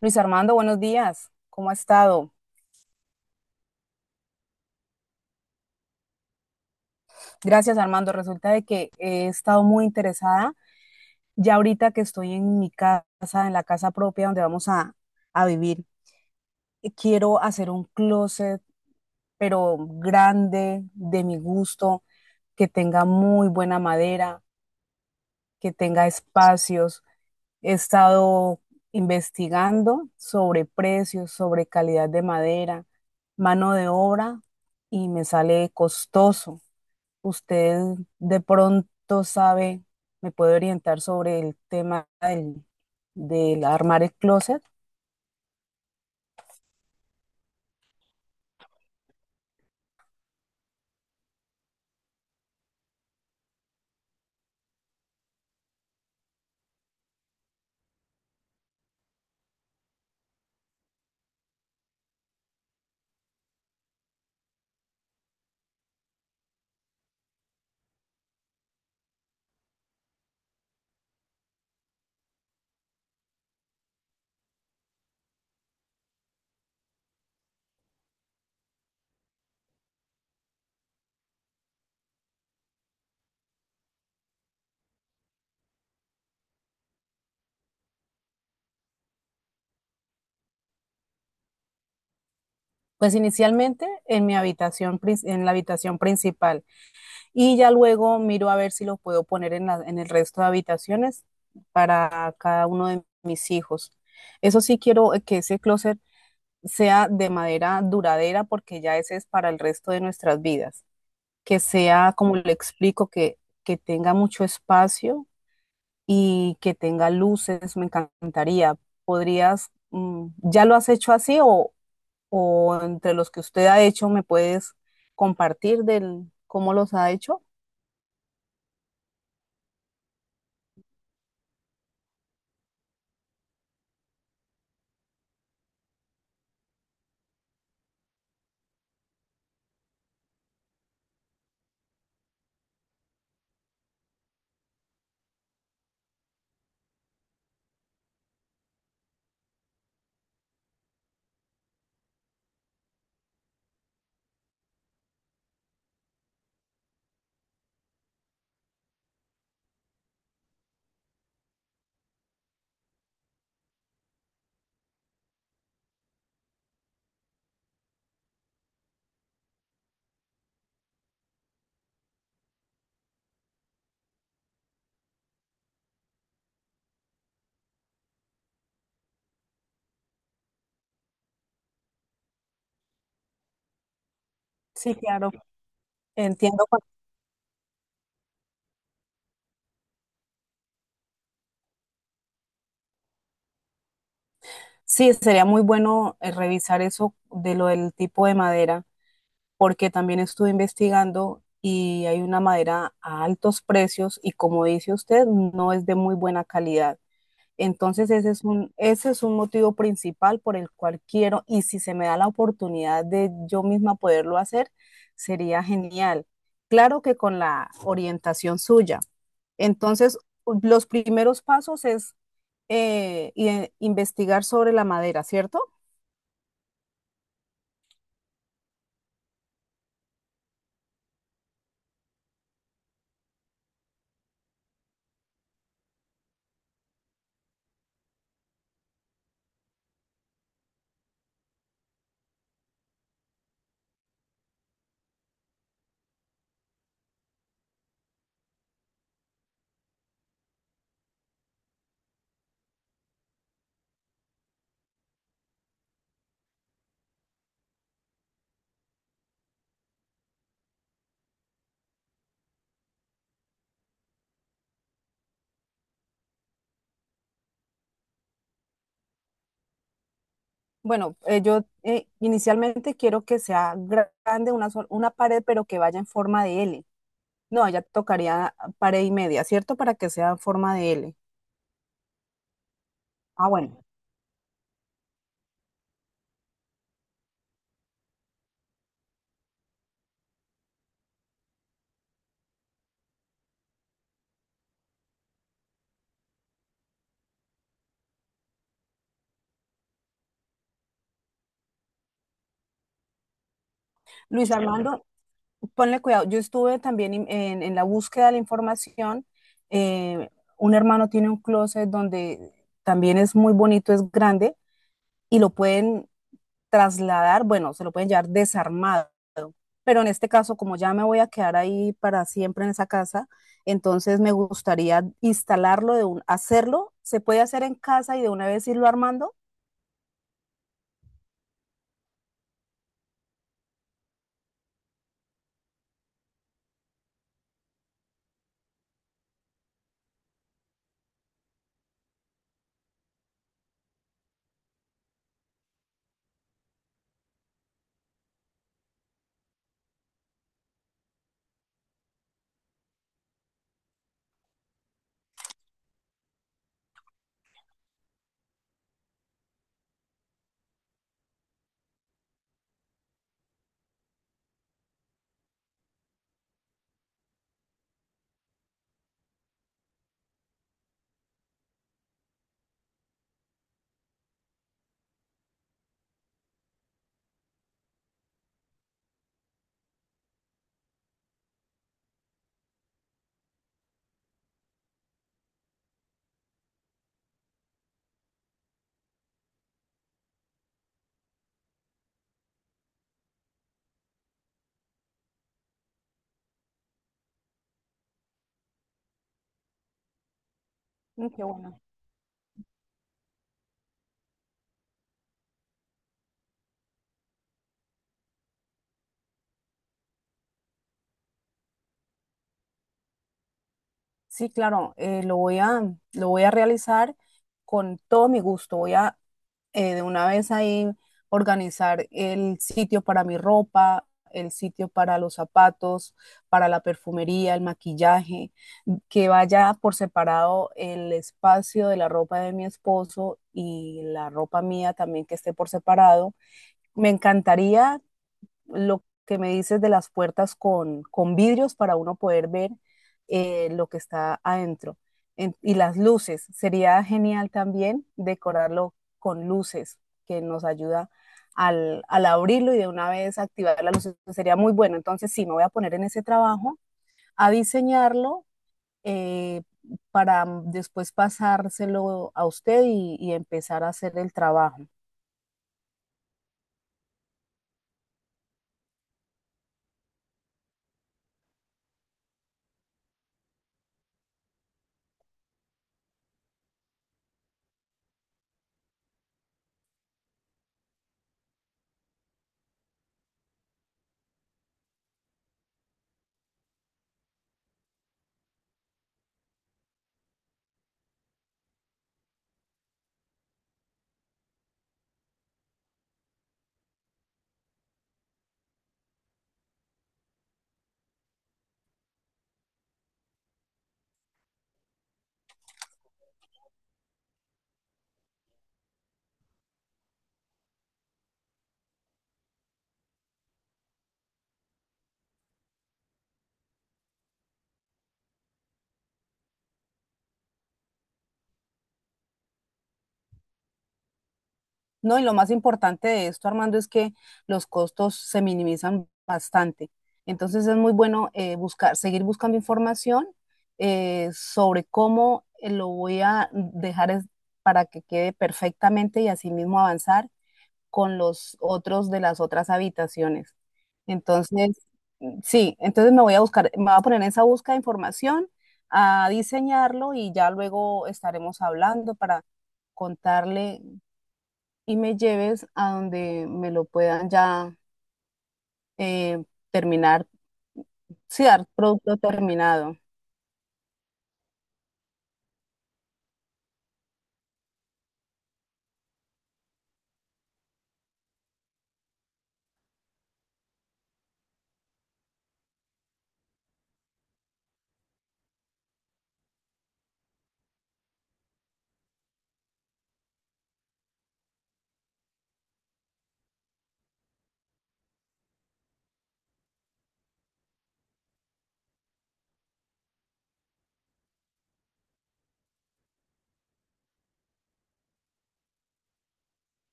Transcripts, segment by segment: Luis Armando, buenos días. ¿Cómo ha estado? Gracias, Armando. Resulta de que he estado muy interesada ya ahorita que estoy en mi casa, en la casa propia donde vamos a vivir. Y quiero hacer un closet, pero grande, de mi gusto, que tenga muy buena madera, que tenga espacios. He estado investigando sobre precios, sobre calidad de madera, mano de obra, y me sale costoso. ¿Usted de pronto sabe, me puede orientar sobre el tema del, del armar el closet? Pues inicialmente en mi habitación, en la habitación principal y ya luego miro a ver si lo puedo poner en en el resto de habitaciones para cada uno de mis hijos. Eso sí quiero que ese closet sea de madera duradera porque ya ese es para el resto de nuestras vidas. Que sea, como le explico, que tenga mucho espacio y que tenga luces, me encantaría. ¿Podrías, ya lo has hecho así o entre los que usted ha hecho me puedes compartir del cómo los ha hecho? Sí, claro. Entiendo. Sí, sería muy bueno revisar eso de lo del tipo de madera, porque también estuve investigando y hay una madera a altos precios y como dice usted, no es de muy buena calidad. Entonces ese es un motivo principal por el cual quiero, y si se me da la oportunidad de yo misma poderlo hacer, sería genial. Claro que con la orientación suya. Entonces, los primeros pasos es investigar sobre la madera, ¿cierto? Bueno, yo inicialmente quiero que sea grande una pared, pero que vaya en forma de L. No, ya tocaría pared y media, ¿cierto? Para que sea en forma de L. Ah, bueno. Luis Armando, ponle cuidado. Yo estuve también en la búsqueda de la información. Eh, un hermano tiene un closet donde también es muy bonito, es grande y lo pueden trasladar, bueno, se lo pueden llevar desarmado. Pero en este caso, como ya me voy a quedar ahí para siempre en esa casa, entonces me gustaría instalarlo, hacerlo. Se puede hacer en casa y de una vez irlo armando. Mm, qué bueno. Sí, claro, lo voy a realizar con todo mi gusto. Voy a de una vez ahí organizar el sitio para mi ropa, el sitio para los zapatos, para la perfumería, el maquillaje, que vaya por separado el espacio de la ropa de mi esposo y la ropa mía también que esté por separado. Me encantaría lo que me dices de las puertas con vidrios para uno poder ver lo que está adentro. Y las luces, sería genial también decorarlo con luces, que nos ayuda al abrirlo y de una vez activar las luces, pues, sería muy bueno. Entonces sí, me voy a poner en ese trabajo a diseñarlo eh, para después pasárselo a usted y empezar a hacer el trabajo. No, y lo más importante de esto, Armando, es que los costos se minimizan bastante. Entonces es muy bueno buscar, seguir buscando información sobre cómo lo voy a dejar para que quede perfectamente y asimismo avanzar con los otros de las otras habitaciones. Entonces, sí, entonces me voy a buscar, me voy a poner en esa búsqueda de información, a diseñarlo y ya luego estaremos hablando para contarle y me lleves a donde me lo puedan ya eh, terminar, sí, dar producto terminado.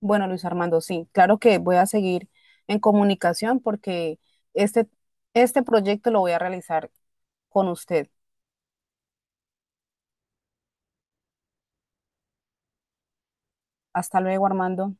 Bueno, Luis Armando, sí, claro que voy a seguir en comunicación porque este, este proyecto lo voy a realizar con usted. Hasta luego, Armando.